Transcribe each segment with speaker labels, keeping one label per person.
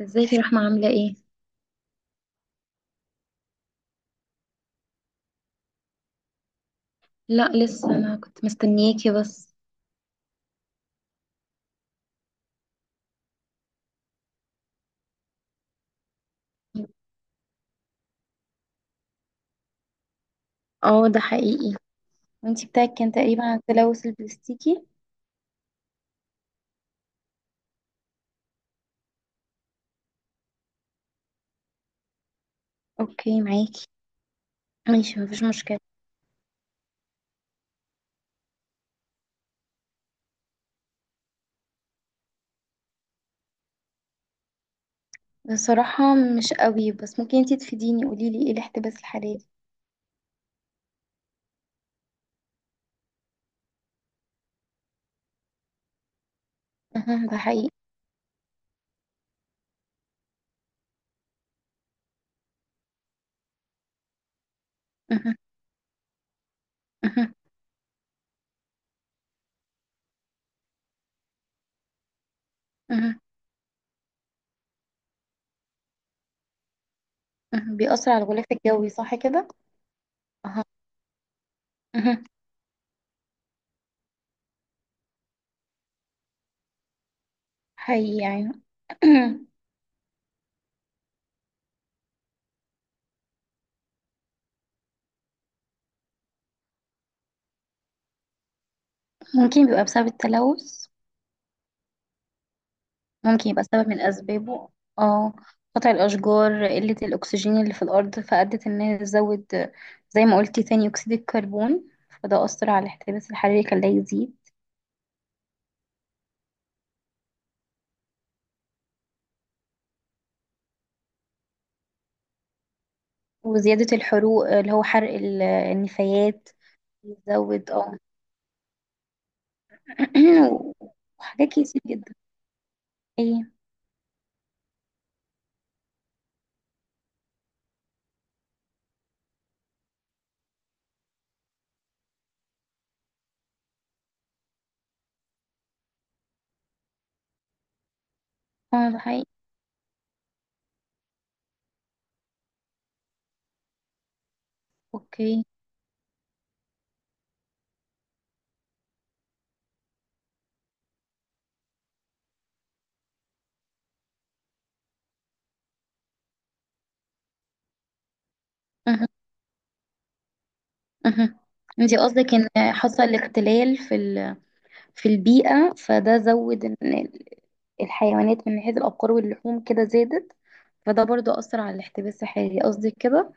Speaker 1: ازيك يا رحمة عاملة ايه؟ لا لسه انا كنت مستنياكي بس. اه، ده حقيقي. وانتي بتاعك كان تقريبا على التلوث البلاستيكي. اوكي معاكي. ماشي، مفيش مشكلة. بصراحة مش قوي، بس ممكن انتي تفيديني قوليلي ايه الاحتباس الحراري؟ اها، ده حقيقي. اها، اها، اها، اها بيأثر على الغلاف الجوي، صح كده؟ اها، اها، حقيقي يعني. ممكن بيبقى بسبب التلوث. ممكن يبقى سبب من أسبابه. اه، قطع الأشجار، قلة الأكسجين اللي في الأرض فأدت إنها تزود، زي ما قلتي ثاني أكسيد الكربون. فده أثر على الاحتباس الحراري خلاه يزيد. وزيادة الحروق اللي هو حرق النفايات. يزود، اه. وحاجات كتير جدا. ايه. اه، ده حقيقي. اوكي. مهم. مهم. انتي قصدك ان حصل اختلال في البيئة فده زود ان الحيوانات من حيث الأبقار واللحوم كده زادت، فده برضو أثر على الاحتباس الحراري قصدك كده.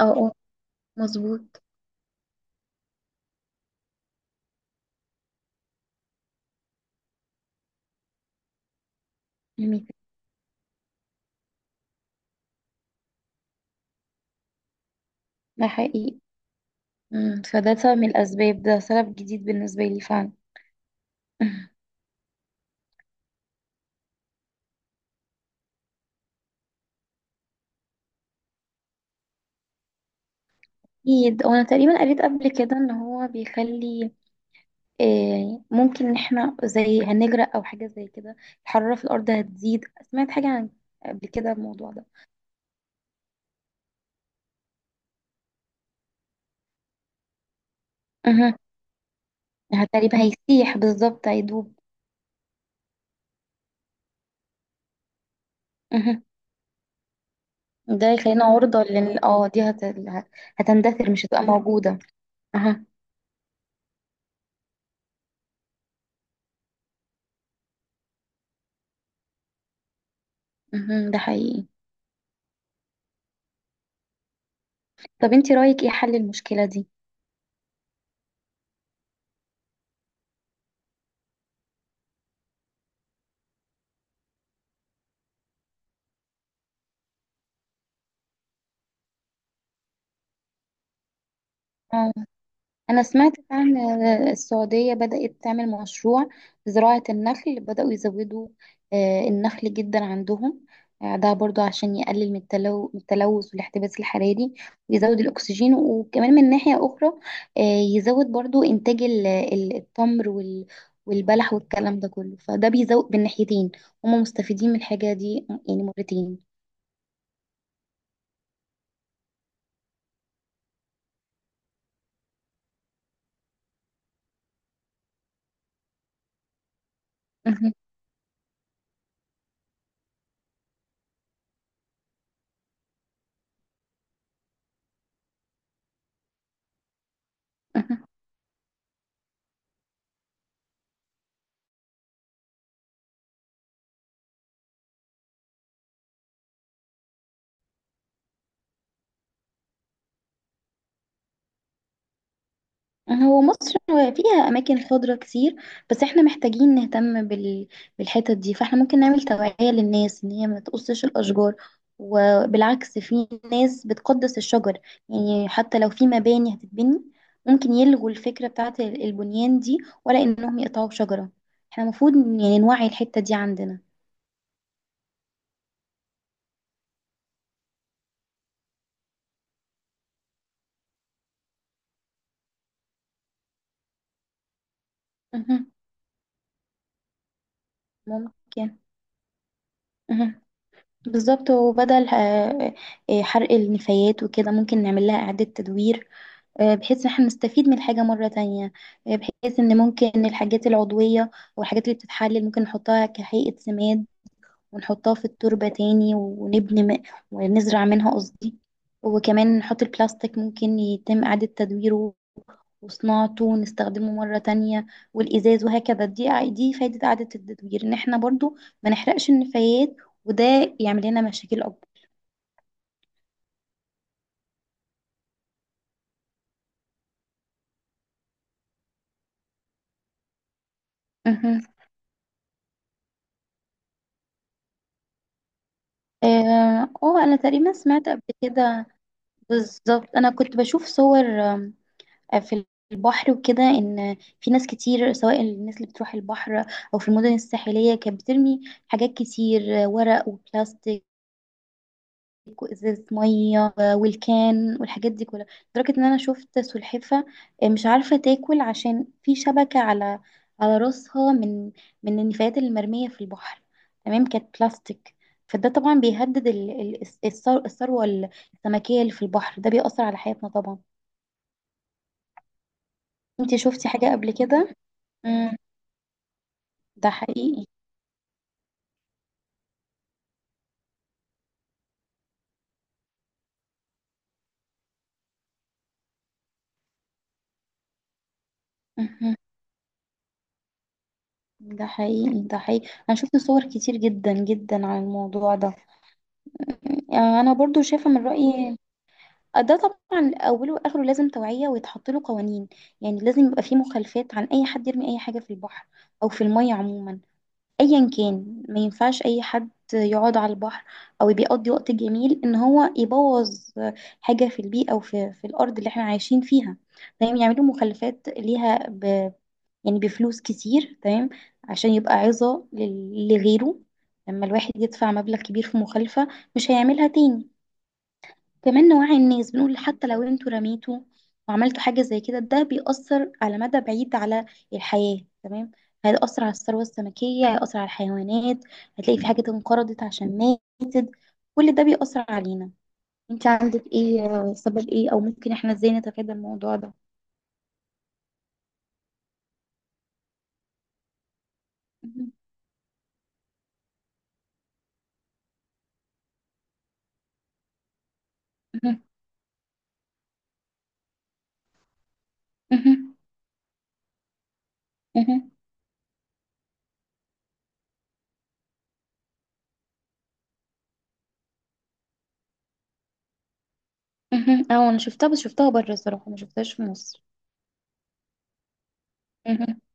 Speaker 1: اه، اه، مظبوط. جميل. ده حقيقي. مم. فده سبب من الأسباب، ده سبب جديد بالنسبة لي فعلا. أكيد، وأنا تقريبا قريت قبل كده إن هو بيخلي، ممكن إن احنا زي هنغرق أو حاجة زي كده، الحرارة في الأرض هتزيد. سمعت حاجة عن قبل كده الموضوع ده. مه. تقريبا هيسيح، بالظبط هيدوب. ده يخلينا عرضة لل دي هتندثر، مش هتبقى موجودة. اها. مهم. ده حقيقي. طب انتي رأيك ايه حل المشكلة دي؟ آه. أنا سمعت عن السعودية بدأت تعمل مشروع زراعة النخل، بدأوا يزودوا النخل جدا عندهم. ده برضو عشان يقلل من التلوث والاحتباس الحراري، ويزود الأكسجين. وكمان من ناحية أخرى آه، يزود برضو إنتاج التمر والبلح والكلام ده كله، فده بيزود بالناحيتين. هم مستفيدين من الحاجة دي يعني مرتين. هو مصر فيها أماكن خضرة كتير، بس احنا محتاجين نهتم بالحتت دي. فاحنا ممكن نعمل توعية للناس إن هي ما تقصش الأشجار، وبالعكس في ناس بتقدس الشجر. يعني حتى لو في مباني هتتبني، ممكن يلغوا الفكرة بتاعت البنيان دي، ولا إنهم يقطعوا شجرة. احنا المفروض يعني نوعي الحتة دي عندنا. مهم. ممكن. مهم. بالظبط. وبدل حرق النفايات وكده ممكن نعمل لها إعادة تدوير، بحيث ان احنا نستفيد من الحاجة مرة تانية. بحيث ان ممكن الحاجات العضوية والحاجات اللي بتتحلل ممكن نحطها كهيئة سماد، ونحطها في التربة تاني ونزرع منها قصدي. وكمان نحط البلاستيك ممكن يتم إعادة تدويره وصناعته ونستخدمه مرة تانية، والإزاز وهكذا. دي فايدة إعادة التدوير، إن احنا برضو ما نحرقش النفايات، وده يعمل لنا مشاكل أكبر. مهم. اه. أنا تقريبا سمعت قبل كده. بالظبط انا كنت بشوف صور في البحر وكده، ان في ناس كتير سواء الناس اللي بتروح البحر او في المدن الساحليه كانت بترمي حاجات كتير، ورق وبلاستيك وازازه ميه، والكان والحاجات دي كلها. لدرجه ان انا شفت سلحفه مش عارفه تاكل عشان في شبكه على على راسها من من النفايات المرميه في البحر، تمام كانت بلاستيك. فده طبعا بيهدد الثروه السمكيه اللي في البحر. ده بيأثر على حياتنا طبعا. انتي شفتي حاجة قبل كده؟ امم. ده حقيقي. مهم. ده حقيقي، ده حقيقي، انا شفت صور كتير جدا جدا عن الموضوع ده. انا برضو شايفة من رأيي. ده طبعا اوله واخره لازم توعية ويتحط له قوانين. يعني لازم يبقى فيه مخالفات عن اي حد يرمي اي حاجة في البحر، او في المية عموما. ايا كان ما ينفعش اي حد يقعد على البحر او بيقضي وقت جميل ان هو يبوظ حاجه في البيئه او في الارض اللي احنا عايشين فيها. تمام، يعملوا مخلفات ليها يعني بفلوس كتير، تمام، عشان يبقى عظه لغيره. لما الواحد يدفع مبلغ كبير في مخالفه مش هيعملها تاني. كمان نوعي الناس، بنقول حتى لو انتوا رميتوا وعملتوا حاجة زي كده، ده بيأثر على مدى بعيد على الحياة، تمام. هيأثر على الثروة السمكية، هيأثر على الحيوانات. هتلاقي في حاجات انقرضت عشان ماتت، كل ده بيأثر علينا. انت عندك ايه سبب ايه، او ممكن احنا ازاي نتفادى الموضوع ده؟ مهم. مهم. مهم. مهم. مهم. اه، انا شفتها، بس شفتها بره الصراحة، ما شفتهاش في مصر.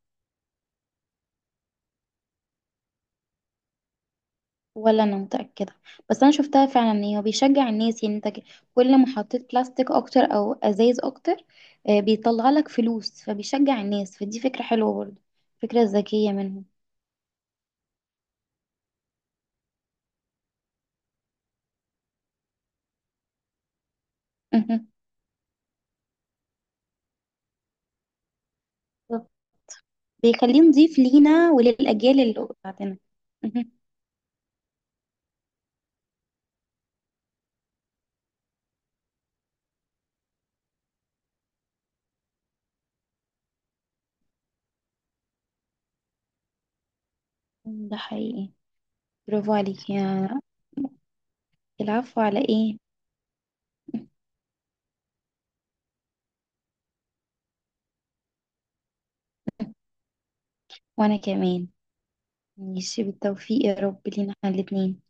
Speaker 1: ولا انا متاكده، بس انا شفتها فعلا ان هي بيشجع الناس. يعني انت كل ما حطيت بلاستيك اكتر او ازايز اكتر بيطلع لك فلوس، فبيشجع الناس، فدي فكره حلوه برضو، فكره ذكيه منهم. مهم. بالظبط. بيخليه نضيف لينا وللاجيال اللي بعدنا. مهم. ده حقيقي. برافو عليك يا. العفو على ايه. وانا كمان. ماشي بالتوفيق يا رب لينا احنا الاتنين.